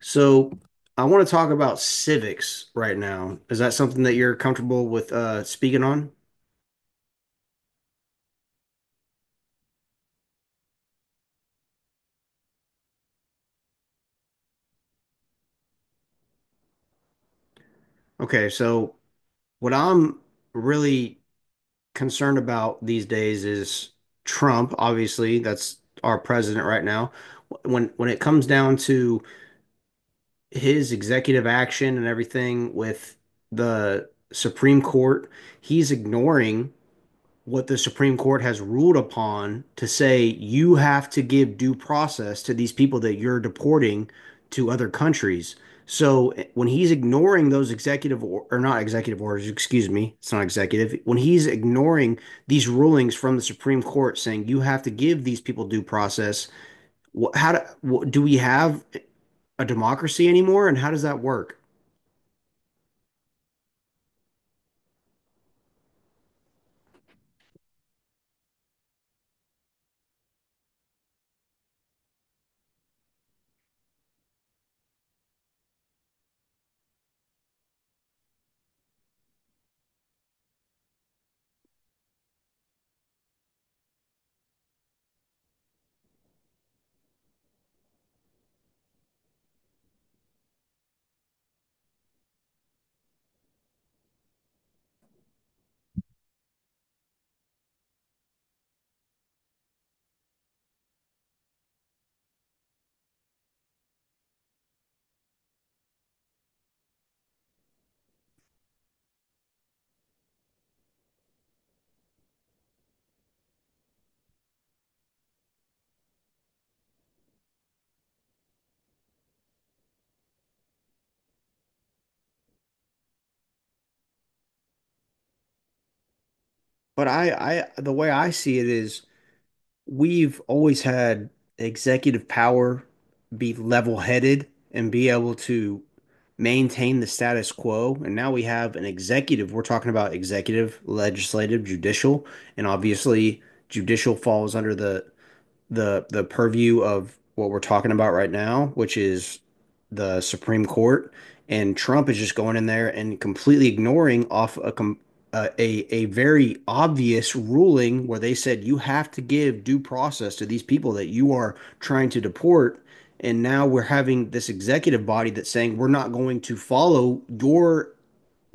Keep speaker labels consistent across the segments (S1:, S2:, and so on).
S1: So I want to talk about civics right now. Is that something that you're comfortable with speaking on? Okay, so what I'm really concerned about these days is Trump, obviously, that's our president right now. When it comes down to his executive action and everything with the Supreme Court, he's ignoring what the Supreme Court has ruled upon to say you have to give due process to these people that you're deporting to other countries. So when he's ignoring those executive or not executive orders, excuse me, it's not executive, when he's ignoring these rulings from the Supreme Court saying you have to give these people due process, how do, do we have a democracy anymore and how does that work? But the way I see it is we've always had executive power be level-headed and be able to maintain the status quo. And now we have an executive. We're talking about executive, legislative, judicial, and obviously judicial falls under the purview of what we're talking about right now, which is the Supreme Court, and Trump is just going in there and completely ignoring off a a very obvious ruling where they said you have to give due process to these people that you are trying to deport, and now we're having this executive body that's saying we're not going to follow your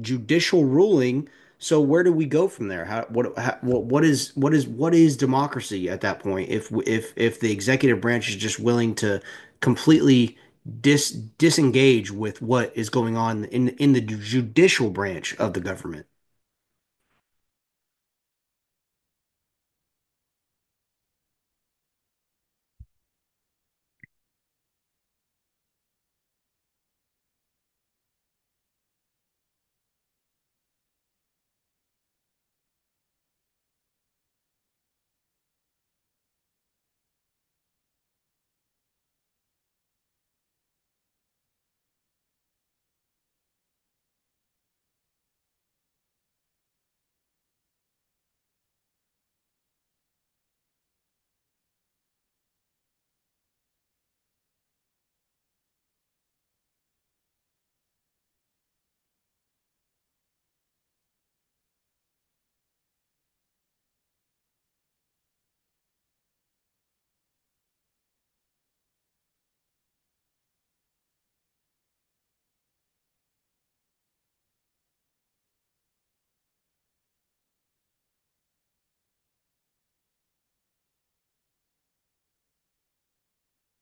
S1: judicial ruling. So where do we go from there? How, what is, what is, what is democracy at that point? If the executive branch is just willing to completely disengage with what is going on in the judicial branch of the government.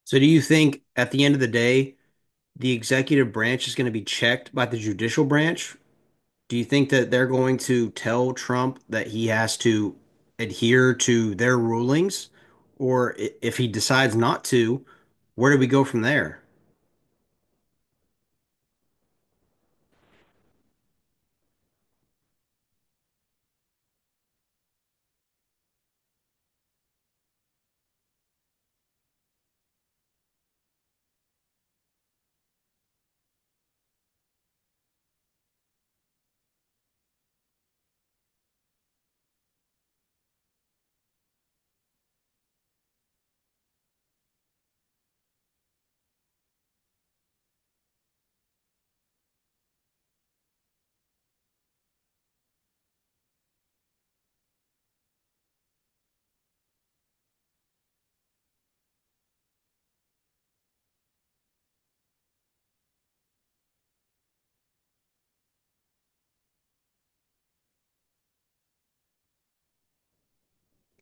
S1: So do you think at the end of the day, the executive branch is going to be checked by the judicial branch? Do you think that they're going to tell Trump that he has to adhere to their rulings? Or if he decides not to, where do we go from there?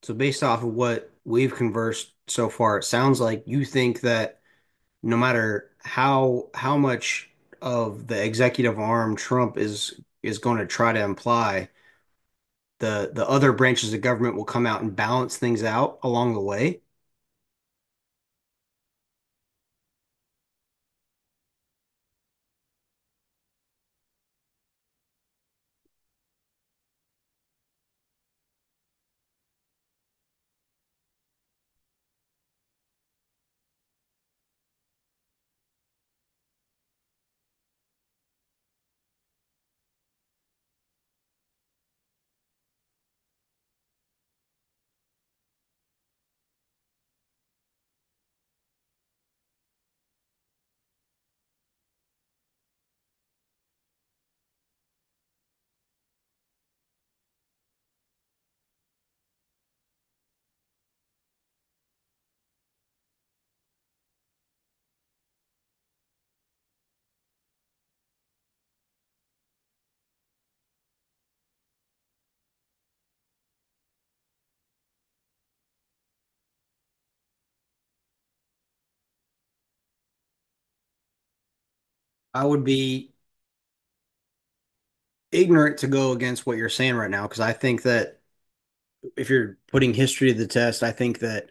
S1: So, based off of what we've conversed so far, it sounds like you think that no matter how much of the executive arm Trump is going to try to imply, the other branches of government will come out and balance things out along the way. I would be ignorant to go against what you're saying right now because I think that if you're putting history to the test, I think that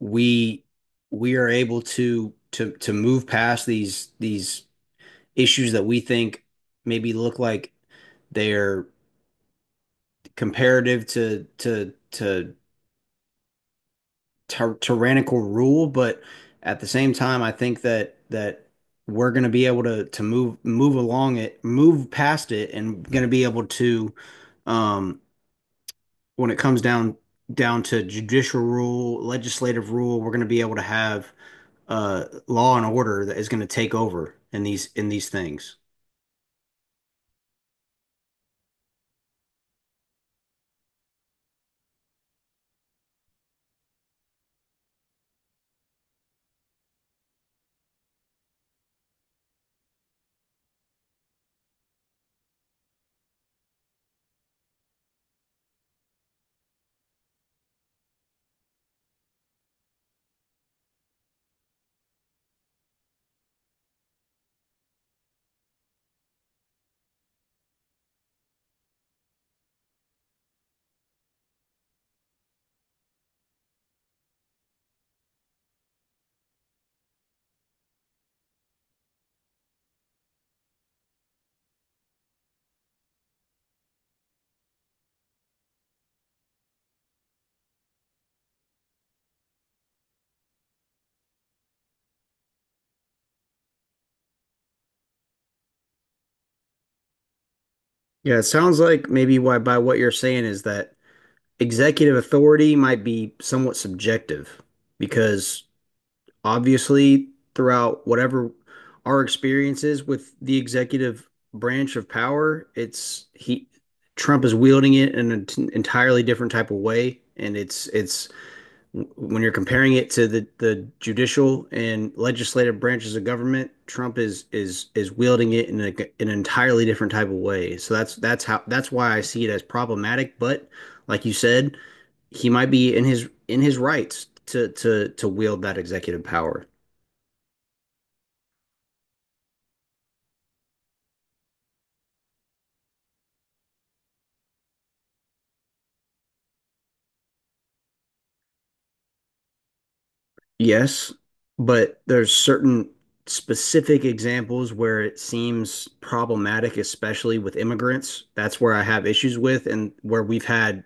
S1: we we are able to move past these issues that we think maybe look like they're comparative to tyrannical rule, but at the same time, I think that we're going to be able to move along it, move past it, and going to be able to um when it comes down to judicial rule, legislative rule, we're going to be able to have law and order that is going to take over in these things. Yeah, it sounds like maybe why by what you're saying is that executive authority might be somewhat subjective because obviously throughout whatever our experience is with the executive branch of power, it's he Trump is wielding it in an entirely different type of way, and it's when you're comparing it to the judicial and legislative branches of government, Trump is wielding it in a, in an entirely different type of way. So that's why I see it as problematic. But like you said, he might be in his rights to wield that executive power. Yes, but there's certain specific examples where it seems problematic, especially with immigrants. That's where I have issues with, and where we've had,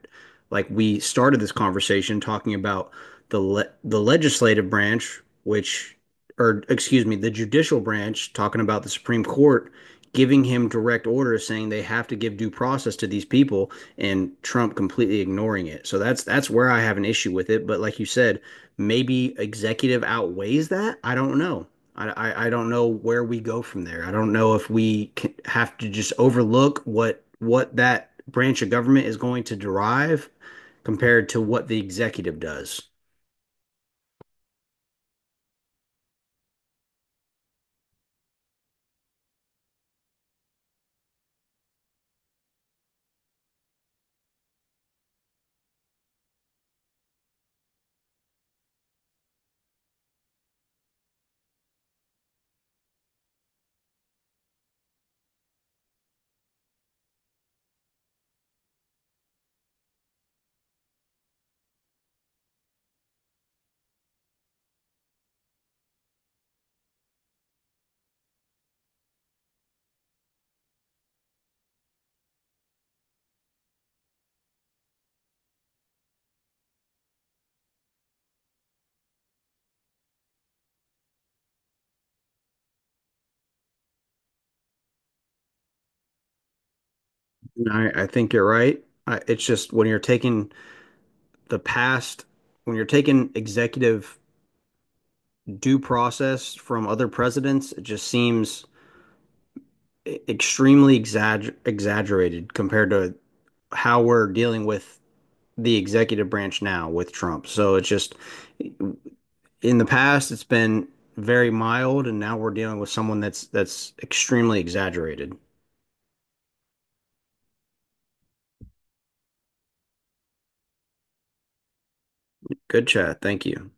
S1: like, we started this conversation talking about the legislative branch, which, or excuse me, the judicial branch, talking about the Supreme Court giving him direct orders saying they have to give due process to these people, and Trump completely ignoring it. So that's where I have an issue with it. But like you said, maybe executive outweighs that. I don't know. I don't know where we go from there. I don't know if we can, have to just overlook what that branch of government is going to derive compared to what the executive does. And I think you're right. I, it's just when you're taking the past, when you're taking executive due process from other presidents, it just seems extremely exaggerated compared to how we're dealing with the executive branch now with Trump. So it's just in the past it's been very mild and now we're dealing with someone that's extremely exaggerated. Good chat. Thank you.